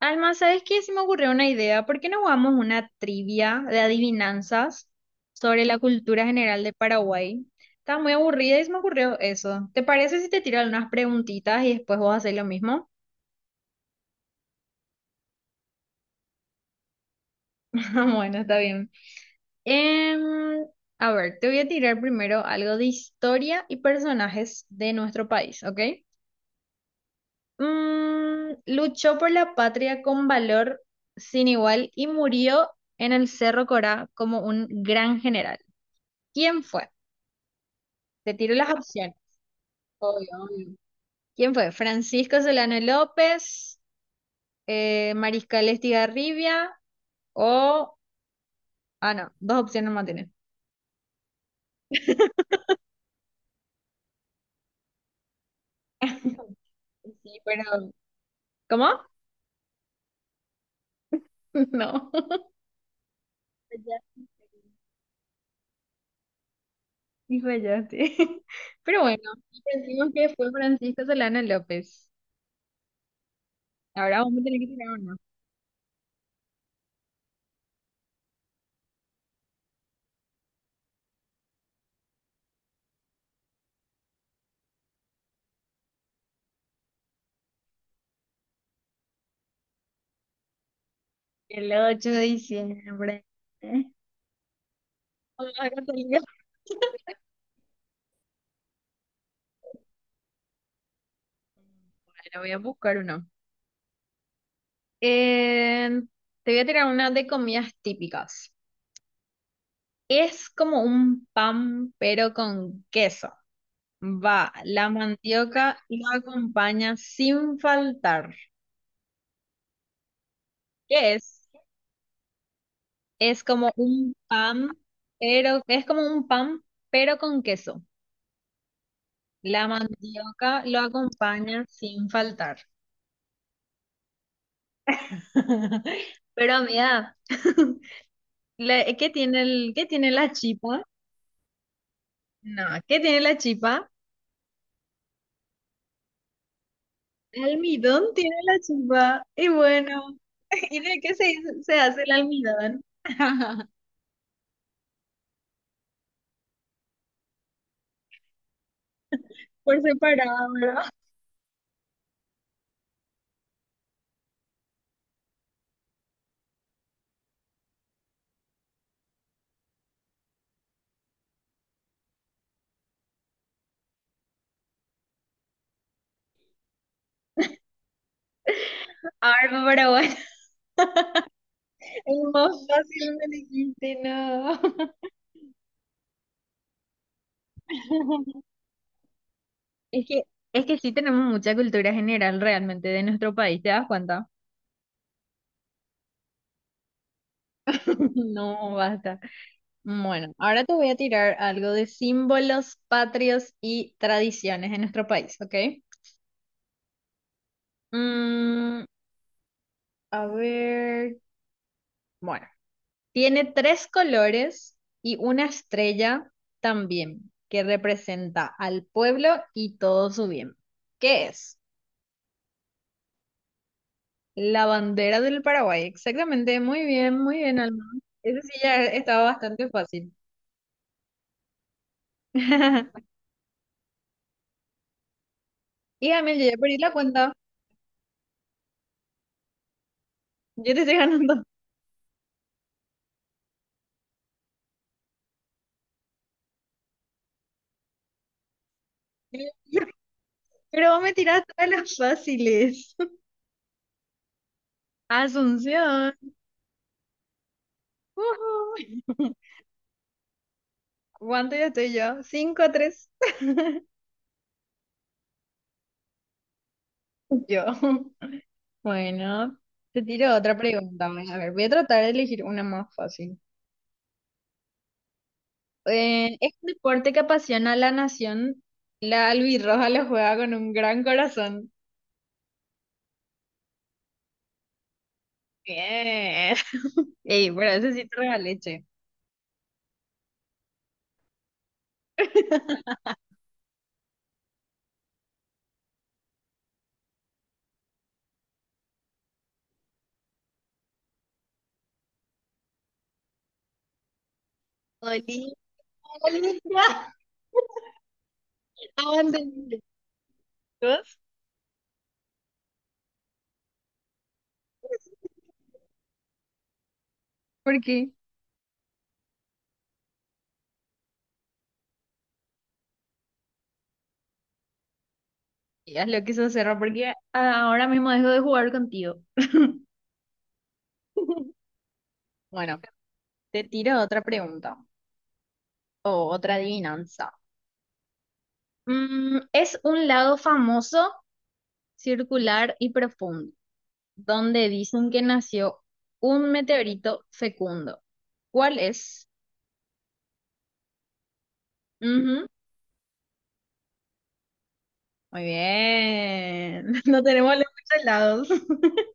Alma, ¿sabes qué? Se me ocurrió una idea. ¿Por qué no jugamos una trivia de adivinanzas sobre la cultura general de Paraguay? Estaba muy aburrida y se me ocurrió eso. ¿Te parece si te tiro algunas preguntitas y después vos haces lo mismo? Bueno, está bien. Em, a ver, te voy a tirar primero algo de historia y personajes de nuestro país, ¿ok? Luchó por la patria con valor sin igual y murió en el Cerro Corá como un gran general. ¿Quién fue? Te tiro las opciones. Obvio, obvio. ¿Quién fue? Francisco Solano López, Mariscal Estigarribia o... Ah, no, dos opciones más tiene. Sí, pero... ¿Cómo? No. Fallaste. Sí, fallaste. Pero bueno, decimos que fue Francisco Solano López. Ahora vamos a tener que tirar uno. El 8 de diciembre. ¿Eh? Vamos a Catalina. Bueno, voy a buscar uno. Eh, te voy a tirar una de comidas típicas. Es como un pan, pero con queso. Va, la mandioca lo acompaña sin faltar. ¿Qué es? Es como un pan, pero es como un pan, pero con queso. La mandioca lo acompaña sin faltar. Pero amiga, ¿Qué tiene la chipa? No, ¿qué tiene la chipa? Almidón tiene la chipa. Y bueno. ¿Y de qué se hace el almidón? Por separado, ¿verdad? Ay, no, pero bueno, es más fácil me dijiste, no. es que, es que sí tenemos mucha cultura general realmente de nuestro país, ¿te das cuenta? No, basta. Bueno, ahora te voy a tirar algo de símbolos patrios y tradiciones en nuestro país, ¿ok? Mm, a ver, bueno. Tiene tres colores y una estrella también, que representa al pueblo y todo su bien. ¿Qué es? La bandera del Paraguay. Exactamente, muy bien, Alma. Ese sí ya estaba bastante fácil. Y Amel, yo ya perdí la cuenta. Yo te estoy ganando. Pero vos me tirás todas las fáciles. Asunción. Ujú. ¿Cuánto ya estoy yo? 5-3. Yo. Bueno, te tiro otra pregunta, pues. A ver, voy a tratar de elegir una más fácil. Es un deporte que apasiona a la nación. La albirroja lo juega con un gran corazón. Bien. Ey, por ese sí te regalé, che. Olivia, abandoné, chicos. ¿Por qué? Ya lo quiso cerrar porque ahora mismo dejo de jugar contigo. Bueno, te tiro otra pregunta o otra adivinanza. Es un lago famoso circular y profundo, donde dicen que nació un meteorito fecundo. ¿Cuál es? Ujú. Muy bien. No tenemos los muchos lados.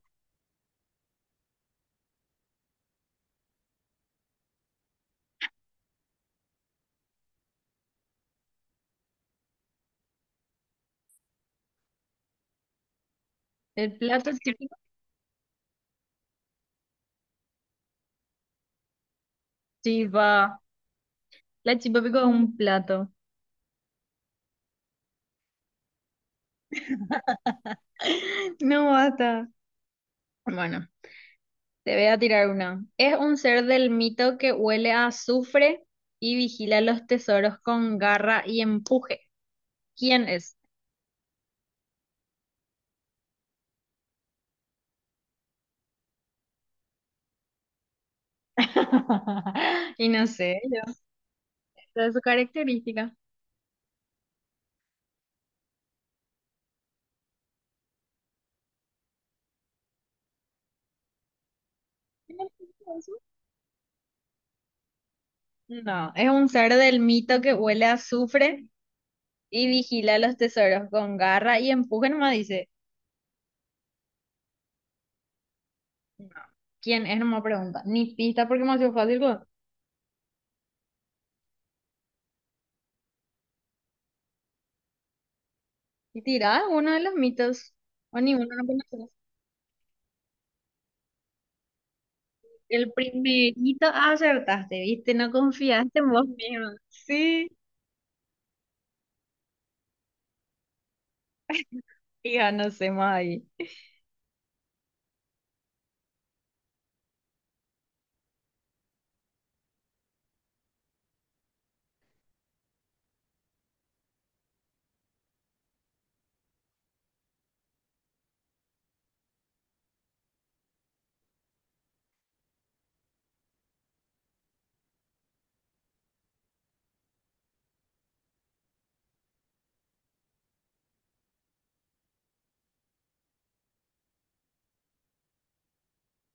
El plato típico. Chipa. La chipa pico es un plato. No basta. Bueno, te voy a tirar una. Es un ser del mito que huele a azufre y vigila los tesoros con garra y empuje. ¿Quién es? Y no sé, yo. Esa es su característica. No, es un ser del mito que huele a azufre y vigila los tesoros con garra y empuje nomás dice. No, ¿quién es? No me pregunta. Ni pista porque me ha sido fácil, güey. Y tirá uno de los mitos. O ninguno no conoces. El primerito, ah, acertaste, ¿viste? No confiaste en vos mismo. Sí, y ya no sé más ahí.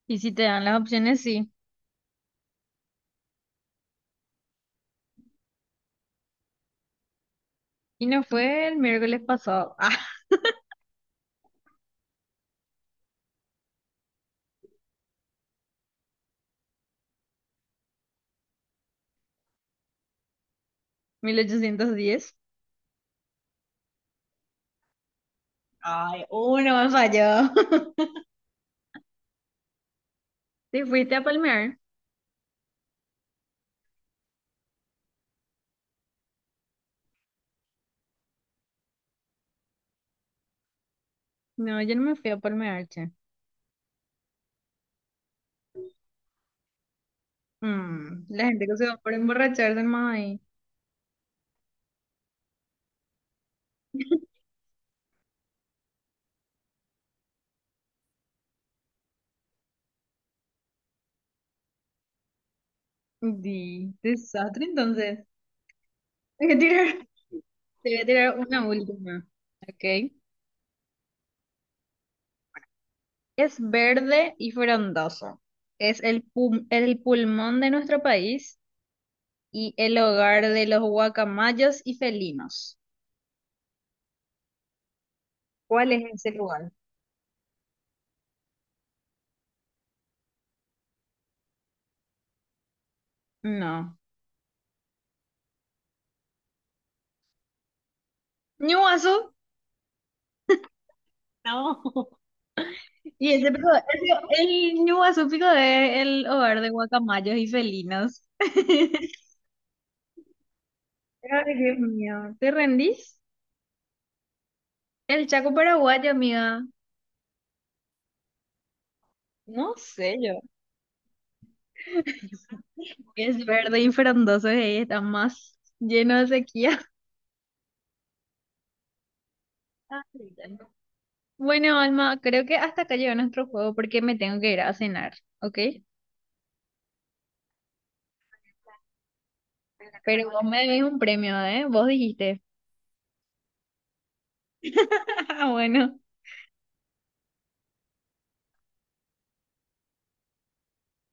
Y si te dan las opciones, sí. Y no fue el miércoles pasado. Ah, 1810. Ay, uno me falló. Te fuiste a palmear. No, yo no me fui a palmearche. Mm, la gente que se va por emborracharse, mae. Di, desastre, entonces. Hay que tirar, te voy a tirar una última. Ok. Es verde y frondoso. Es el pulmón de nuestro país y el hogar de los guacamayos y felinos. ¿Cuál es ese lugar? No. ¿Ñuazú? No. Y ese pico, el Ñuazú pico es el hogar de guacamayos y felinos. Ay, Dios mío. ¿Te rendís? El Chaco paraguayo, amiga. No sé yo. Es verde y frondoso y está más lleno de sequía. Ah, sí, ya no. Bueno, Alma, creo que hasta acá llegó nuestro juego porque me tengo que ir a cenar, ¿ok? Pero vos me debes un premio, ¿eh? Vos dijiste. Ah, bueno.